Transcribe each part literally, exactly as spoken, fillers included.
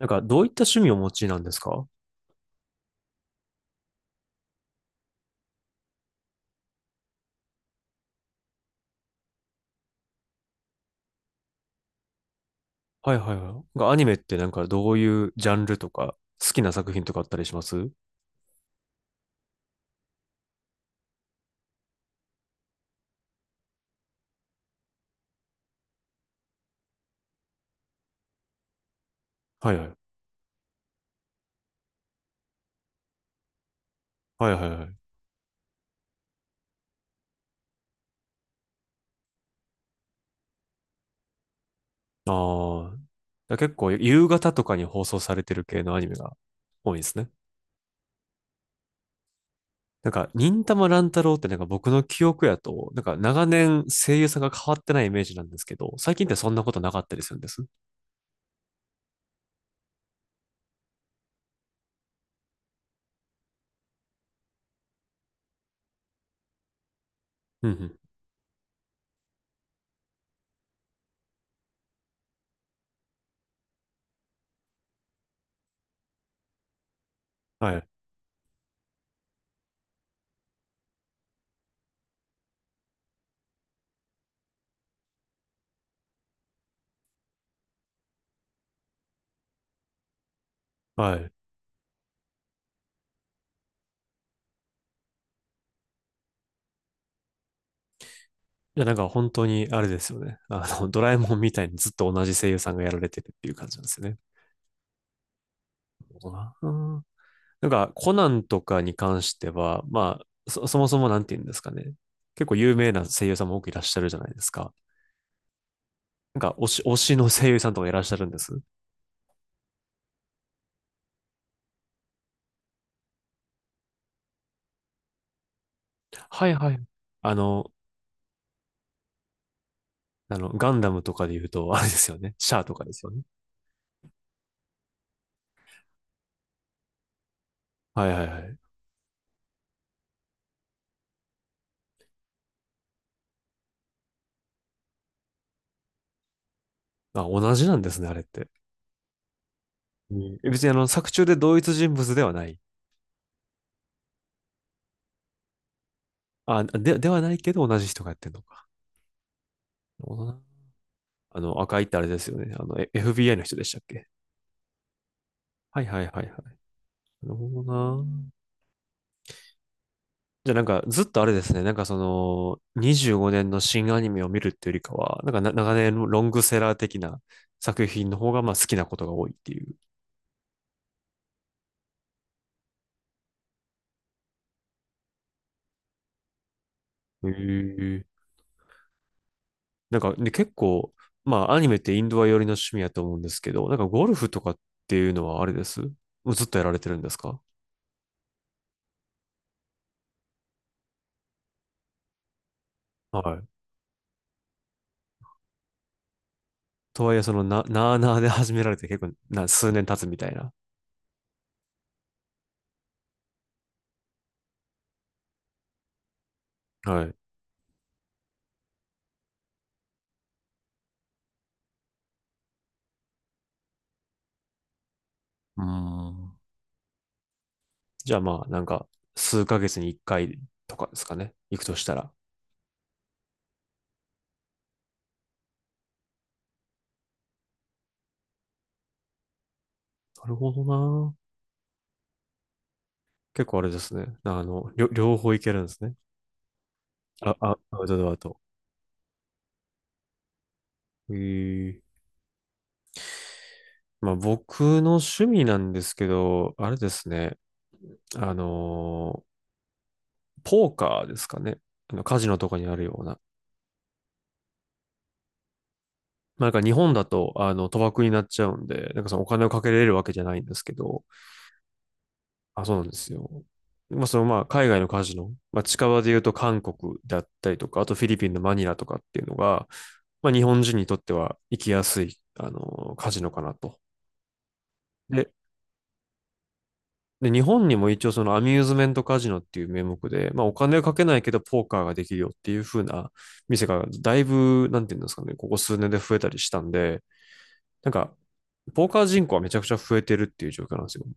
なんか、どういった趣味をお持ちなんですか？はいはいはい。がアニメってなんか、どういうジャンルとか、好きな作品とかあったりします？はいはい。はいはいはい。ああ。だ結構、夕方とかに放送されてる系のアニメが多いですね。なんか、忍たま乱太郎ってなんか僕の記憶やと、なんか長年声優さんが変わってないイメージなんですけど、最近ってそんなことなかったりするんです。うんうん。はい。はい。いや、なんか本当にあれですよね。あの、ドラえもんみたいにずっと同じ声優さんがやられてるっていう感じなんですよね。どな。なんか、コナンとかに関しては、まあ、そ、そもそもなんて言うんですかね。結構有名な声優さんも多くいらっしゃるじゃないですか。なんか、推し、推しの声優さんとかいらっしゃるんです。はいはい。あの、あの、ガンダムとかで言うと、あれですよね。シャアとかですよね。はいはいはい。まあ、同じなんですね、あれって。うん別にあの、作中で同一人物ではない。あ、で、ではないけど同じ人がやってるのか。あの、赤いってあれですよね。あの、エフビーアイ の人でしたっけ？はいはいはいはい。なるほどな。じゃあなんかずっとあれですね、なんかそのにじゅうごねんの新アニメを見るっていうよりかは、なんかな長年のロングセラー的な作品の方がまあ好きなことが多いっていう。へえ。なんかで結構、まあアニメってインドア寄りの趣味やと思うんですけど、なんかゴルフとかっていうのはあれですもうずっとやられてるんですか？はい。とはいえそのな、なあなあで始められて結構な数年経つみたいな。はい。うーん。じゃあまあなんか数ヶ月にいっかいとかですかね。行くとしたら。なるほどな。結構あれですね。あの、りょ両方いけるんですね。あ、あ、アウトドアと。えーまあ僕の趣味なんですけど、あれですね。あのーポーカーですかね。あの、カジノとかにあるような。まあ、なんか日本だと、あの、賭博になっちゃうんで、なんかそのお金をかけれるわけじゃないんですけど、あ、そうなんですよ。まあ、そのまあ、海外のカジノ、まあ、近場で言うと韓国だったりとか、あとフィリピンのマニラとかっていうのが、まあ、日本人にとっては行きやすい、あの、カジノかなと。で、で、日本にも一応そのアミューズメントカジノっていう名目で、まあお金はかけないけどポーカーができるよっていう風な店がだいぶ、なんていうんですかね、ここ数年で増えたりしたんで、なんか、ポーカー人口はめちゃくちゃ増えてるっていう状況なんですよ。そ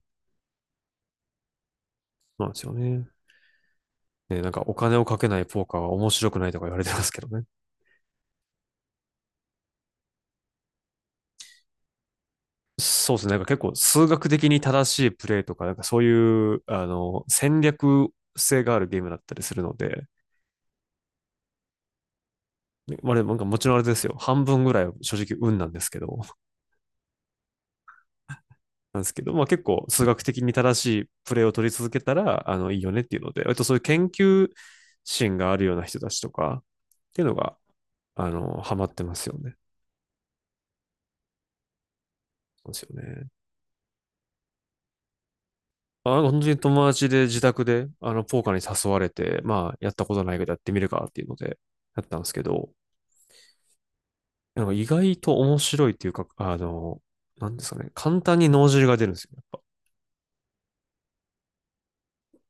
うなんですよね。ね、なんかお金をかけないポーカーは面白くないとか言われてますけどね。そうですね。なんか結構数学的に正しいプレイとか、なんかそういう、あの、戦略性があるゲームだったりするので、まあ、でもなんかもちろんあれですよ。半分ぐらいは正直運なんですけど。なんですけど、まあ結構数学的に正しいプレーを取り続けたら、あの、いいよねっていうので、割とそういう研究心があるような人たちとかっていうのが、あの、ハマってますよね。そうですよね。あ、本当に友達で自宅で、あの、ポーカーに誘われて、まあ、やったことないけどやってみるかっていうので、やったんですけど、なんか意外と面白いっていうか、あの、なんですかね、簡単に脳汁が出るんですよね。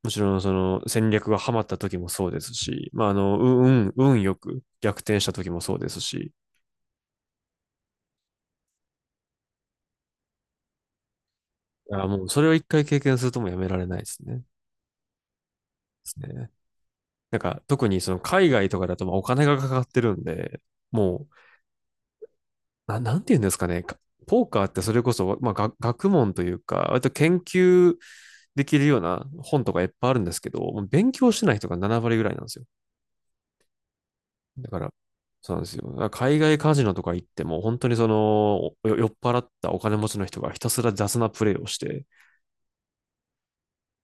もちろん、その戦略がハマった時もそうですし、まあ、あの、運、運よく逆転した時もそうですし、いやもうそれを一回経験するともうやめられないですね。ですね。なんか特にその海外とかだとまあお金がかかってるんで、もう、な、なんて言うんですかね。かポーカーってそれこそ、まあ、が学問というか、割と研究できるような本とかいっぱいあるんですけど、もう勉強してない人がなな割ぐらいなんですよ。だから、そうなんですよ。だから海外カジノとか行っても、本当にその、お酔っ払ったお金持ちの人がひたすら雑なプレイをして、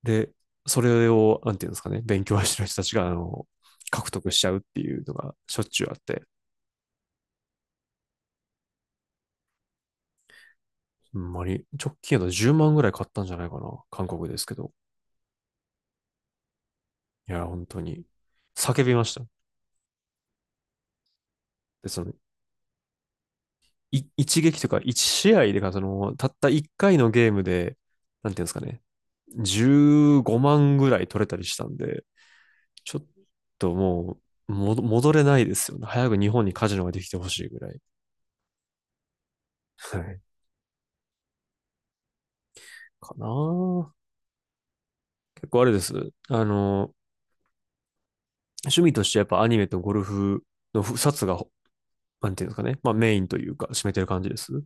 で、それを、なんていうんですかね、勉強してる人たちが、あの、獲得しちゃうっていうのがしょっちゅうあって、ほんまに、直近やとじゅうまんぐらい買ったんじゃないかな、韓国ですけど。いや、本当に、叫びました。で、その、い一撃というか、一試合でか、その、たった一回のゲームで、なんていうんですかね、じゅうごまんぐらい取れたりしたんで、ちょっともう、も戻れないですよね。早く日本にカジノができてほしいぐらい。はい。かなぁ。結構あれです。あの、趣味としてやっぱアニメとゴルフのふたつが、なんていうんですかね。まあメインというか、占めてる感じです。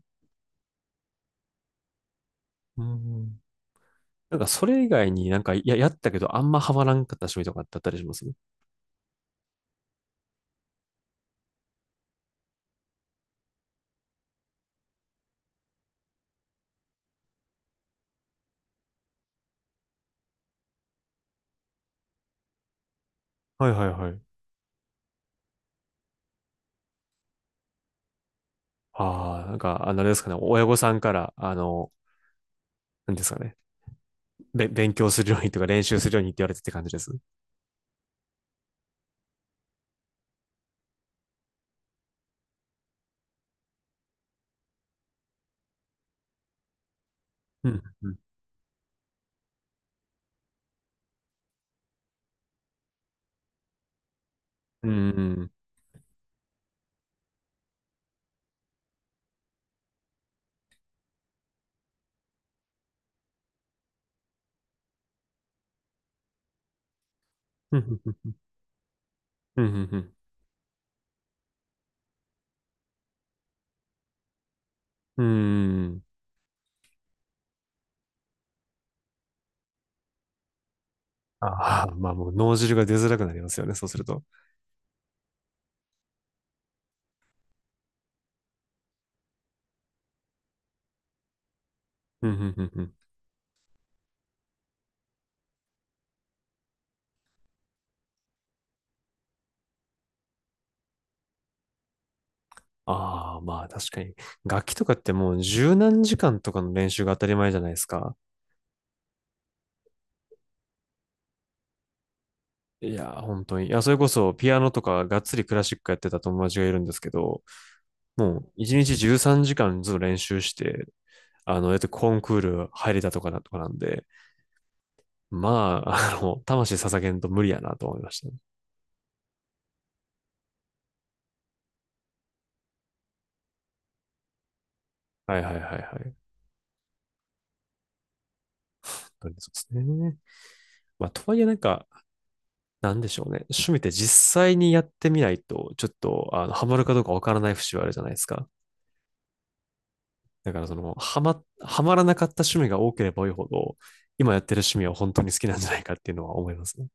うん。なんかそれ以外になんかや、やったけどあんまハマらんかった趣味とかってあったりします？はいはいはい。ああ、なんか、あの、あれですかね。親御さんから、あの、なんですかね。べ、勉強するようにとか練習するようにって言われてって感じです。うん、うん、うん、うん、うん、うん、うん。うん。ああ、まあもう脳汁が出づらくなりますよね。そうすると。うん、うん、うん、ああ、まあ確かに。楽器とかってもうじゅうなんじかんとかの練習が当たり前じゃないですか。いやー、本当に。いや、それこそピアノとかがっつりクラシックやってた友達がいるんですけど、もう一日じゅうさんじかんずっと練習して、あの、やってコンクール入れたとかなとかなんで、まあ、あの、魂捧げんと無理やなと思いましたね。はいはいはいはい。本当にそうですね。まあ、とはいえなんか、なんでしょうね。趣味って実際にやってみないと、ちょっと、あの、ハマるかどうかわからない節はあるじゃないですか。だからその、はま、はまらなかった趣味が多ければ多いほど、今やってる趣味は本当に好きなんじゃないかっていうのは思いますね。